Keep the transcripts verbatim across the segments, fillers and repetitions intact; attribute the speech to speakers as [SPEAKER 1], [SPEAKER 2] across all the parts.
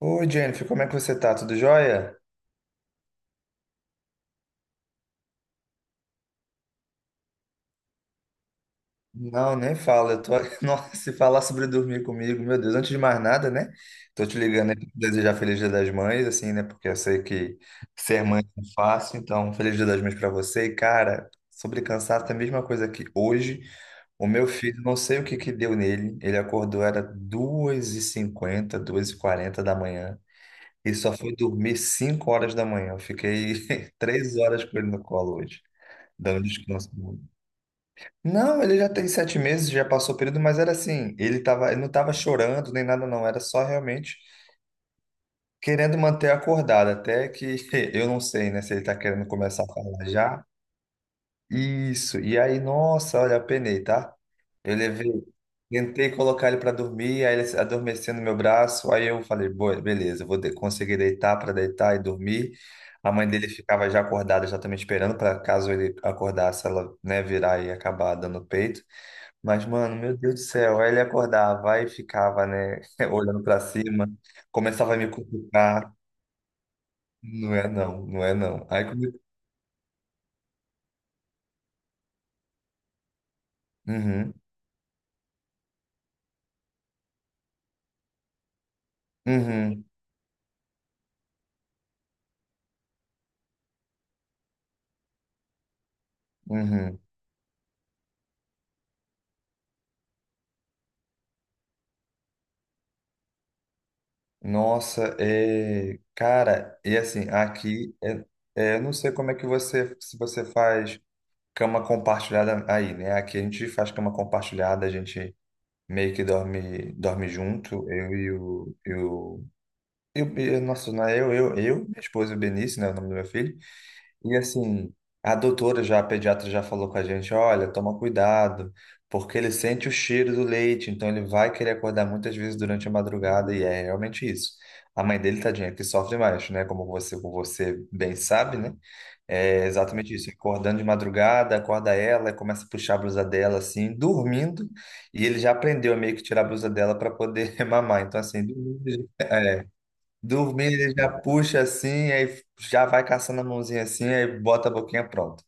[SPEAKER 1] Oi, Jennifer, como é que você tá? Tudo jóia? Não, nem fala. Eu tô... Nossa, se falar sobre dormir comigo, meu Deus, antes de mais nada, né? Tô te ligando aí pra te desejar Feliz Dia das Mães, assim, né? Porque eu sei que ser mãe não é fácil, então Feliz Dia das Mães pra você. E, cara, sobre cansaço, é a mesma coisa que hoje. O meu filho, não sei o que que deu nele, ele acordou, era duas e cinquenta, duas e quarenta da manhã. E só foi dormir cinco horas da manhã. Eu fiquei três horas com ele no colo hoje, dando descanso. Não, ele já tem sete meses, já passou o período, mas era assim, ele tava, ele não estava chorando nem nada não, era só realmente querendo manter acordado, até que eu não sei, né, se ele está querendo começar a falar já. Isso, e aí, nossa, olha, penei, tá? Eu levei, tentei colocar ele para dormir, aí ele adormeceu no meu braço, aí eu falei, "Boa, beleza, eu vou de- conseguir deitar para deitar e dormir. A mãe dele ficava já acordada, já também esperando para caso ele acordasse, ela, né, virar e acabar dando peito. Mas, mano, meu Deus do céu, aí ele acordava e ficava, né, olhando pra cima, começava a me cutucar. Não é não, não é não. Aí come... Uhum, uhum, uhum. Nossa, é... cara, e assim, aqui, é... é, eu não sei como é que você, se você faz cama compartilhada aí, né? Aqui a gente faz cama compartilhada, a gente meio que dorme, dorme junto, eu e o... Eu... Eu, eu, nossa, não é eu, eu, eu, minha esposa e o Benício, né, o nome do meu filho. E assim, a doutora já, a pediatra já falou com a gente, olha, toma cuidado, porque ele sente o cheiro do leite, então ele vai querer acordar muitas vezes durante a madrugada, e é realmente isso. A mãe dele, tadinha, é que sofre mais, né? Como você, como você bem sabe, né? É exatamente isso. Acordando de madrugada, acorda ela, começa a puxar a blusa dela, assim, dormindo, e ele já aprendeu a meio que tirar a blusa dela para poder mamar. Então, assim, dormindo, dormindo, ele já puxa assim, aí já vai caçando a mãozinha assim, aí bota a boquinha pronto.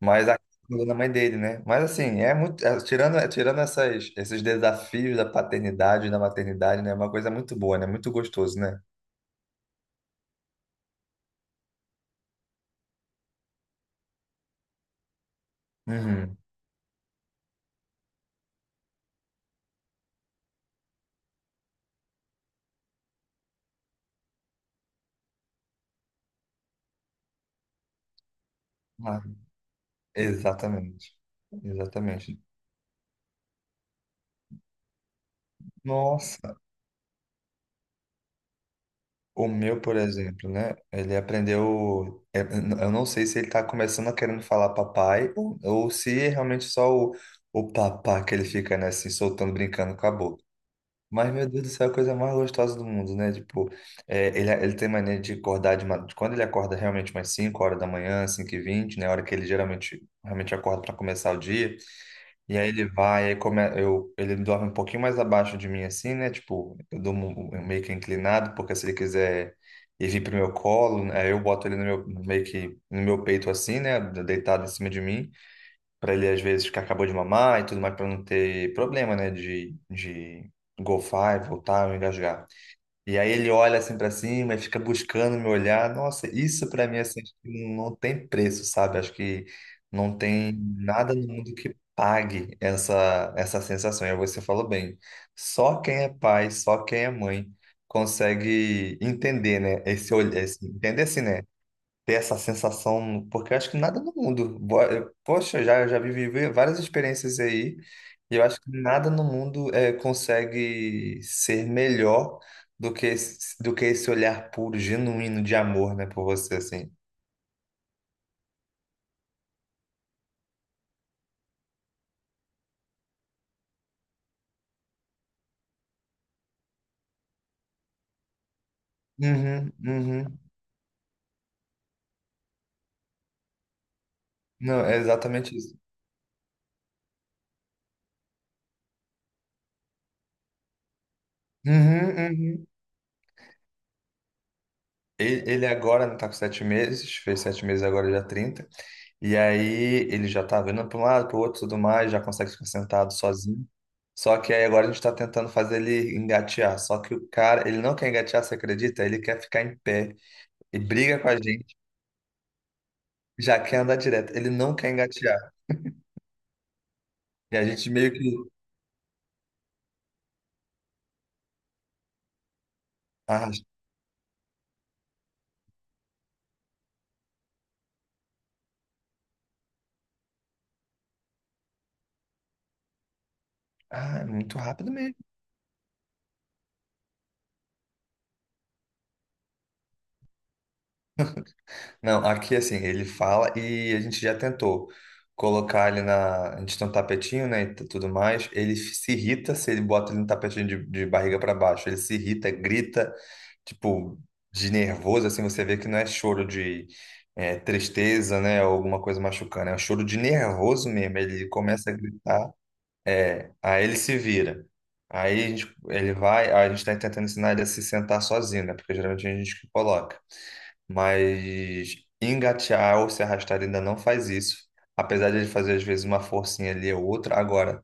[SPEAKER 1] Mas a da mãe dele, né? Mas assim, é muito. é, tirando é, tirando essas, esses desafios da paternidade, e da maternidade, né? É uma coisa muito boa, né? Muito gostoso, né? Uhum. Ah, exatamente. Exatamente. Nossa. O meu, por exemplo, né? Ele aprendeu. Eu eu não sei se ele tá começando a querendo falar papai ou, ou se é realmente só o, o papá que ele fica, né, assim, soltando, brincando com a boca. Mas, meu Deus do céu, é a coisa mais gostosa do mundo, né? Tipo, é, ele, ele tem mania de acordar de madrugada. Quando ele acorda realmente umas cinco horas da manhã, cinco e vinte, né? A hora que ele geralmente realmente acorda para começar o dia. E aí ele vai, aí come... eu... Ele dorme um pouquinho mais abaixo de mim, assim, né? Tipo, eu durmo meio que inclinado, porque se ele quiser ir vir pro meu colo, né, aí eu boto ele no meu... meio que no meu peito, assim, né? Deitado em cima de mim, para ele, às vezes, que acabou de mamar e tudo mais, para não ter problema, né? De, de golfar e voltar ou engasgar. E aí ele olha assim pra cima e fica buscando me olhar. Nossa, isso pra mim assim, acho que não tem preço, sabe? Acho que não tem nada no mundo que pague essa essa sensação. E aí você falou bem. Só quem é pai, só quem é mãe consegue entender, né? Esse olhar, esse- entender assim, né? Ter essa sensação, porque eu acho que nada no mundo. bo- eu- Poxa, eu já, eu já vivi vi- várias experiências aí, e eu acho que nada no mundo eh, consegue ser melhor do que, esse- do que esse olhar puro, genuíno de amor, né, por você, assim. Uhum, uhum. Não, é exatamente isso. Uhum, uhum. Ele, ele agora não tá com sete meses, fez sete meses agora já trinta. E aí ele já tá vendo para um lado, para o outro, tudo mais, já consegue ficar sentado sozinho. Só que aí agora a gente está tentando fazer ele engatear. Só que o cara, ele não quer engatear, você acredita? Ele quer ficar em pé e briga com a gente, já quer andar direto. Ele não quer engatear. E a gente meio que. Ah, ah, é muito rápido mesmo. Não, aqui assim, ele fala e a gente já tentou colocar ele na. A gente tem um tapetinho, né? E t- tudo mais. Ele se irrita se ele bota ele no tapetinho de, de barriga para baixo. Ele se irrita, grita. Tipo, de nervoso, assim, você vê que não é choro de é, tristeza, né, ou alguma coisa machucando, é um choro de nervoso mesmo. Ele começa a gritar, aí ele se vira. Aí a gente- ele vai, a gente está tentando ensinar ele a se sentar sozinho, né, porque geralmente a gente que coloca. Mas engatear ou se arrastar ele ainda não faz isso. Apesar de ele fazer às vezes uma forcinha ali ou outra, agora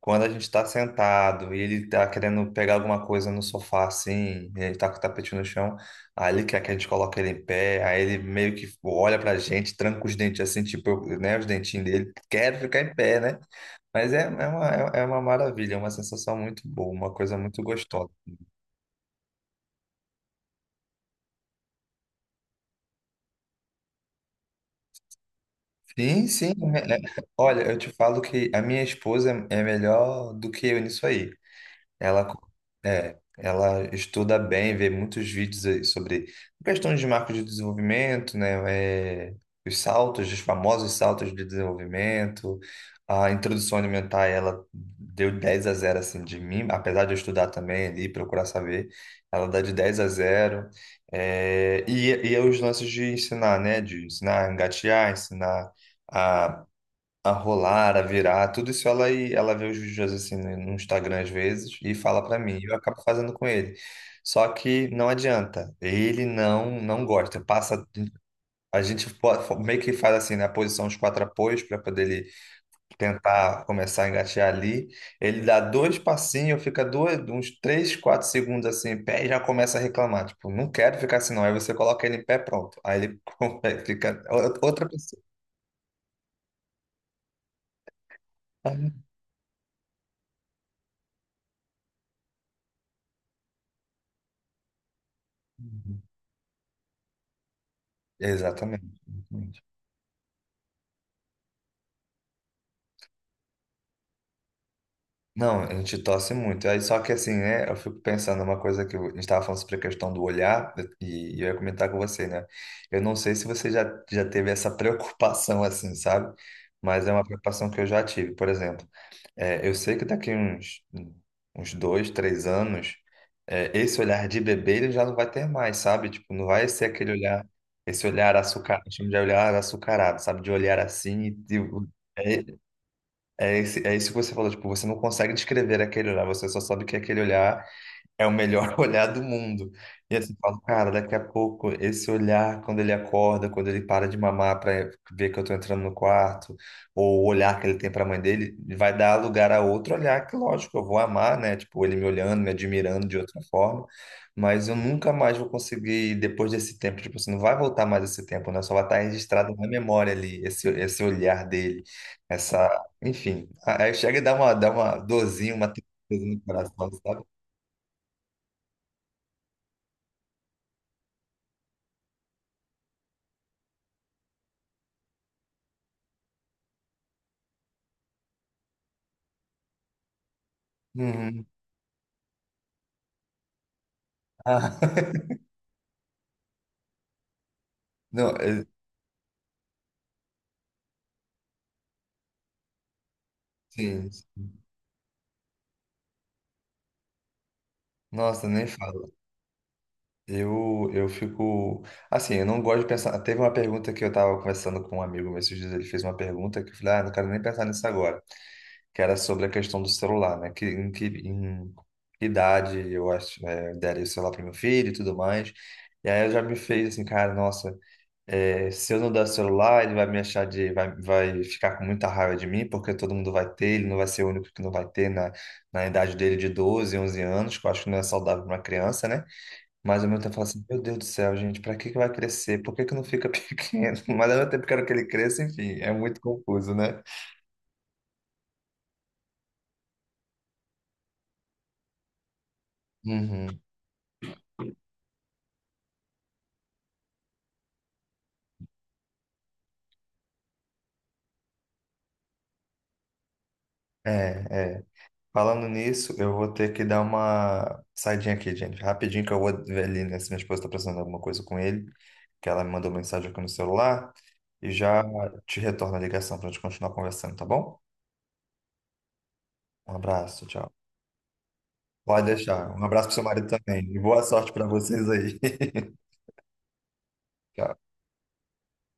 [SPEAKER 1] quando a gente está sentado e ele tá querendo pegar alguma coisa no sofá assim, e ele tá com o tapete no chão, aí ele quer que a gente coloque ele em pé, aí ele meio que olha pra gente, tranca os dentes assim, tipo, eu- né, os dentinhos dele, quer ficar em pé, né? Mas é, é uma, é é uma maravilha, é uma sensação muito boa, uma coisa muito gostosa. Sim, sim. é- é- Olha, eu te falo que a minha esposa é é melhor do que eu nisso aí. Ela, co- é, ela estuda bem, vê muitos vídeos aí sobre questões de marcos de desenvolvimento, né? é, os saltos, os famosos saltos de desenvolvimento. A introdução alimentar, ela deu dez a zero assim, de mim. Apesar de eu estudar também ali, procurar saber, ela dá de dez a zero. É, e, e os lances de ensinar, né? De ensinar a engatear, ensinar a a rolar, a virar, tudo isso ela, ela vê os vídeos assim no no Instagram às vezes e fala pra mim, e eu acabo fazendo com ele. Só que não adianta, ele não não gosta. Passa, a gente po- fo- meio que faz assim, né, a posição os quatro apoios para poder ele tentar começar a engatear ali. Ele dá dois passinhos, fica dois, uns três, quatro segundos assim, em pé e já começa a reclamar, tipo, não quero ficar assim não. Aí você coloca ele em pé, pronto. Aí ele fica outra pessoa. Exatamente. Não, a gente torce muito. Aí, só que assim, né? Eu fico pensando uma coisa que eu- A gente estava falando sobre a questão do olhar, e e eu ia comentar com você, né? Eu não sei se você já, já teve essa preocupação, assim, sabe? Mas é uma preocupação que eu já tive. Por exemplo, é, eu sei que daqui uns, uns dois, três anos, é, esse olhar de bebê ele já não vai ter mais, sabe? Tipo, não vai ser aquele olhar, esse olhar açucarado, chama de olhar açucarado, sabe? De olhar assim e. É, esse, é isso que você falou, tipo, você não consegue descrever aquele olhar, você só sabe que aquele olhar é o melhor olhar do mundo. E assim, eu falo, cara, daqui a pouco, esse olhar, quando ele acorda, quando ele para de mamar para ver que eu tô entrando no quarto, ou o olhar que ele tem para a mãe dele, vai dar lugar a outro olhar que, lógico, eu vou amar, né? Tipo, ele me olhando, me admirando de outra forma, mas eu nunca mais vou conseguir, depois desse tempo, tipo assim, não vai voltar mais esse tempo, né? Só vai estar registrado na memória ali, esse, esse olhar dele, essa, enfim. Aí chega e dá uma, dá uma dorzinha, uma tristeza no coração, sabe? Uhum. Ah, não, é- sim. Nossa, nem fala. Eu, eu fico. Assim, eu não gosto de pensar. Teve uma pergunta que eu estava conversando com um amigo meu esses dias. Ele fez uma pergunta que eu falei, ah, não quero nem pensar nisso agora. Que era sobre a questão do celular, né? Que, em que em que idade eu acho, é, daria o celular para meu filho e tudo mais. E aí eu já me fez assim, cara, nossa. É, se eu não der o celular, ele vai me achar de, vai, vai ficar com muita raiva de mim, porque todo mundo vai ter, ele não vai ser o único que não vai ter na, na idade dele de doze onze anos, que eu acho que não é saudável para uma criança, né? Mas ao mesmo tempo eu falo assim, meu Deus do céu, gente, para que que vai crescer? Por que que não fica pequeno? Mas ao mesmo tempo quero que ele cresça, enfim, é muito confuso, né? Uhum. É, é. Falando nisso, eu vou ter que dar uma saidinha aqui, gente. Rapidinho que eu vou ver ali, né? Se minha esposa tá precisando de alguma coisa com ele, que ela me mandou mensagem aqui no celular. E já te retorno a ligação pra gente continuar conversando, tá bom? Um abraço, tchau. Pode deixar. Um abraço pro seu marido também. E boa sorte pra vocês aí. Tchau.